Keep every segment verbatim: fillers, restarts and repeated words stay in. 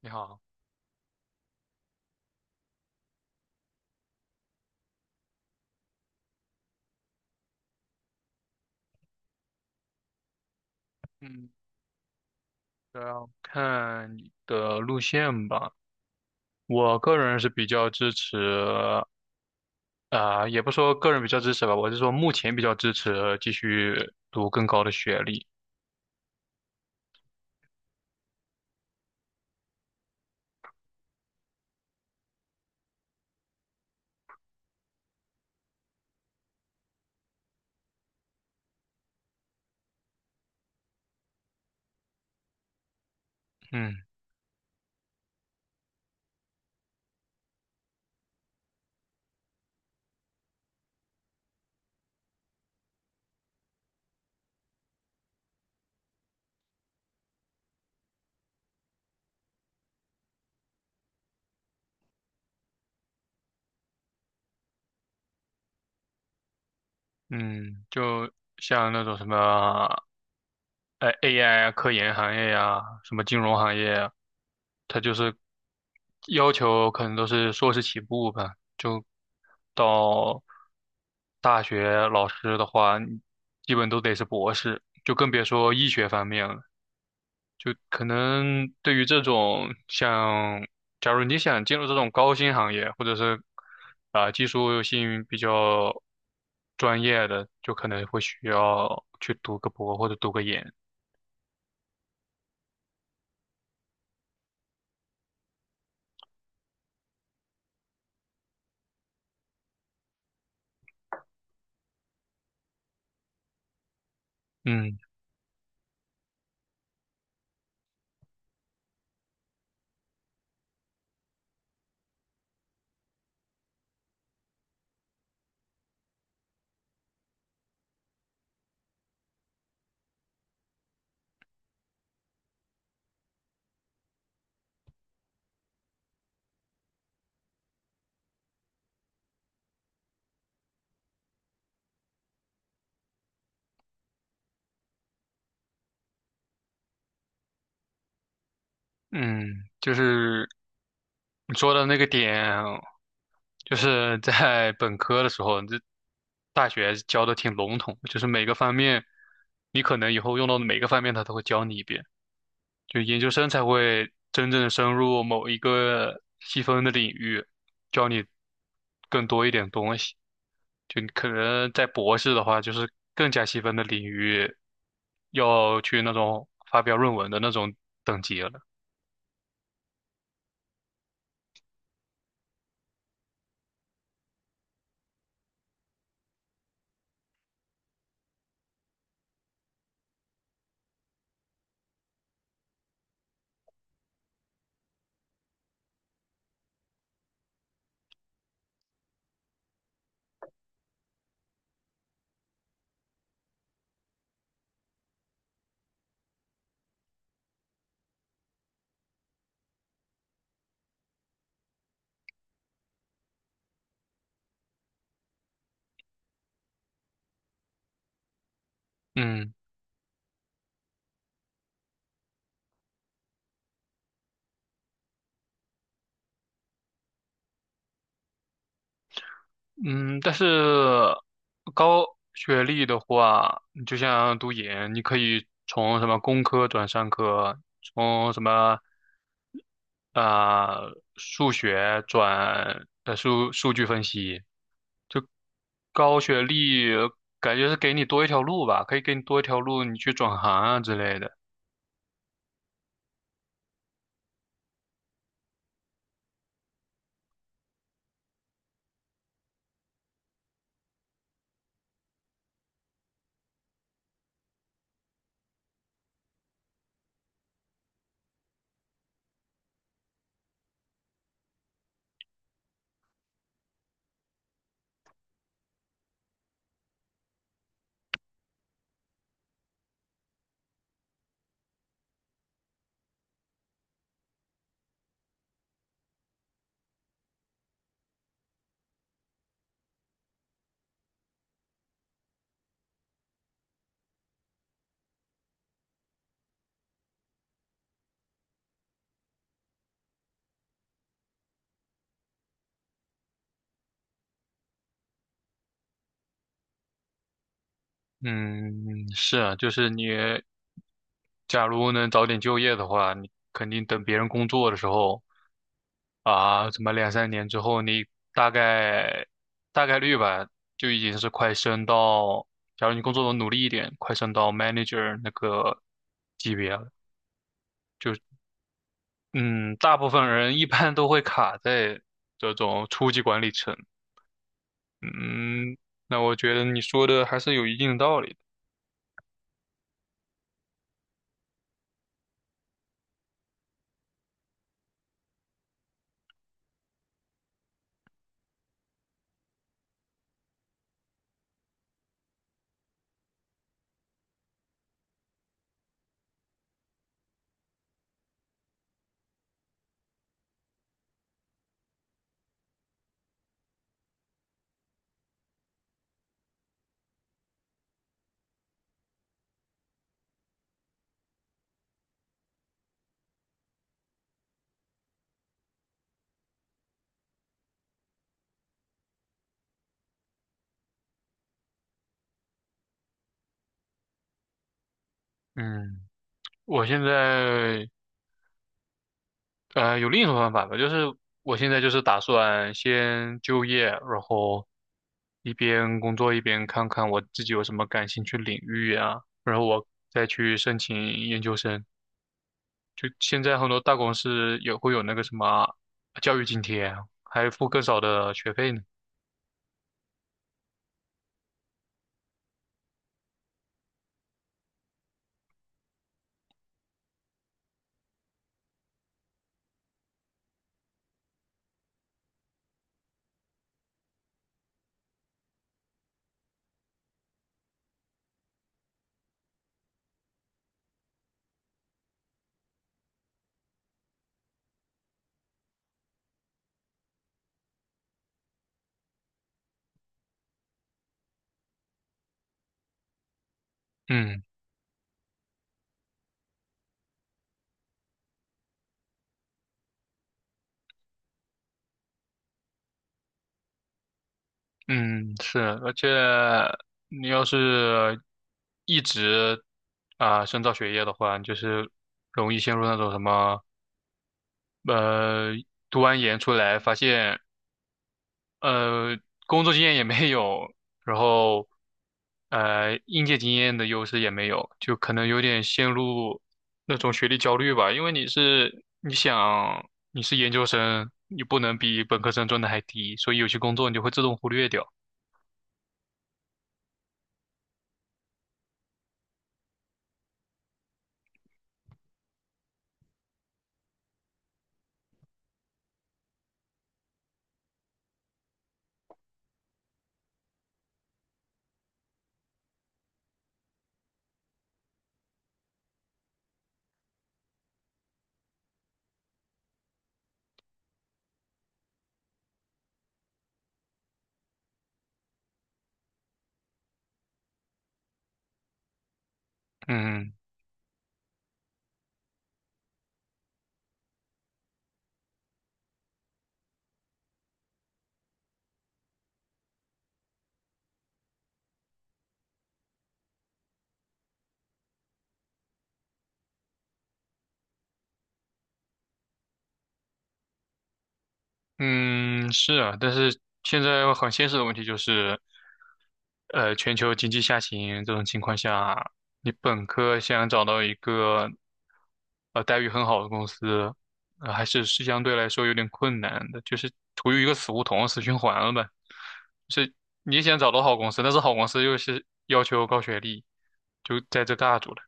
你好。嗯，主要看你的路线吧。我个人是比较支持，啊、也不说个人比较支持吧，我是说目前比较支持继续读更高的学历。嗯嗯。就像那种什么，呃，A I 啊，科研行业呀、什么金融行业呀，它就是要求可能都是硕士起步吧。到大学老师的话，你基本都得是博士，就更别说医学方面了。就可能对于这种像，假如你想进入这种高薪行业，或者是啊、技术性比较专业的，就可能会需要去读个博或者读个研。嗯。嗯，就是你说的那个点，就是在本科的时候，这大学教的挺笼统，就是每个方面，你可能以后用到的每个方面，他都会教你一遍。就研究生才会真正深入某一个细分的领域，教你更多一点东西。就你可能在博士的话，就是更加细分的领域，要去那种发表论文的那种等级了。嗯。嗯，但是高学历的话，你就像读研，你可以从什么工科转商科，从什么啊、呃数学转呃数数据分析。高学历呃感觉是给你多一条路吧，可以给你多一条路，你去转行啊之类的。嗯，是啊，就是你假如能早点就业的话，你肯定等别人工作的时候。啊，怎么两三年之后，你大概大概率吧，就已经是快升到，假如你工作努力一点，快升到 manager 那个级别了。就嗯，大部分人一般都会卡在这种初级管理层。嗯，那我觉得你说的还是有一定道理的。嗯，我现在呃，有另一种方法吧，就是我现在就是打算先就业，然后一边工作一边看看我自己有什么感兴趣领域啊，然后我再去申请研究生。就现在很多大公司也会有那个什么教育津贴，还付更少的学费呢。嗯。嗯，是，而且你要是一直啊、深造学业的话，你就是容易陷入那种什么呃，读完研出来发现，呃，工作经验也没有，然后，呃，应届经验的优势也没有，就可能有点陷入那种学历焦虑吧。因为你是，你想你是研究生，你不能比本科生赚的还低，所以有些工作你就会自动忽略掉。嗯。嗯，是啊，但是现在很现实的问题就是，呃，全球经济下行这种情况下，你本科想找到一个呃待遇很好的公司，呃，还是是相对来说有点困难的，就是处于一个死胡同、死循环了吧。就是你想找到好公司，但是好公司又是要求高学历，就在这尬住了。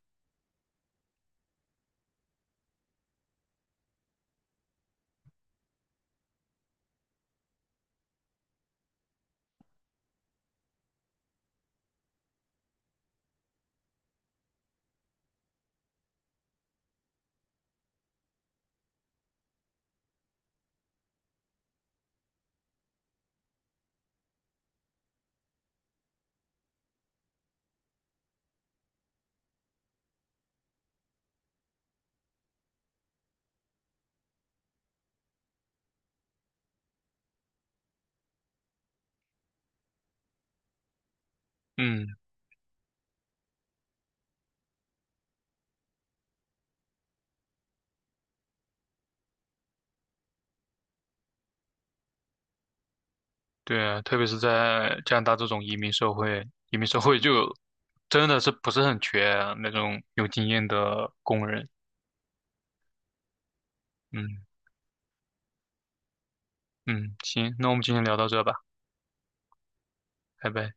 嗯。对啊，特别是在加拿大这种移民社会，移民社会就真的是不是很缺啊那种有经验的工人。嗯。嗯，行，那我们今天聊到这吧。拜拜。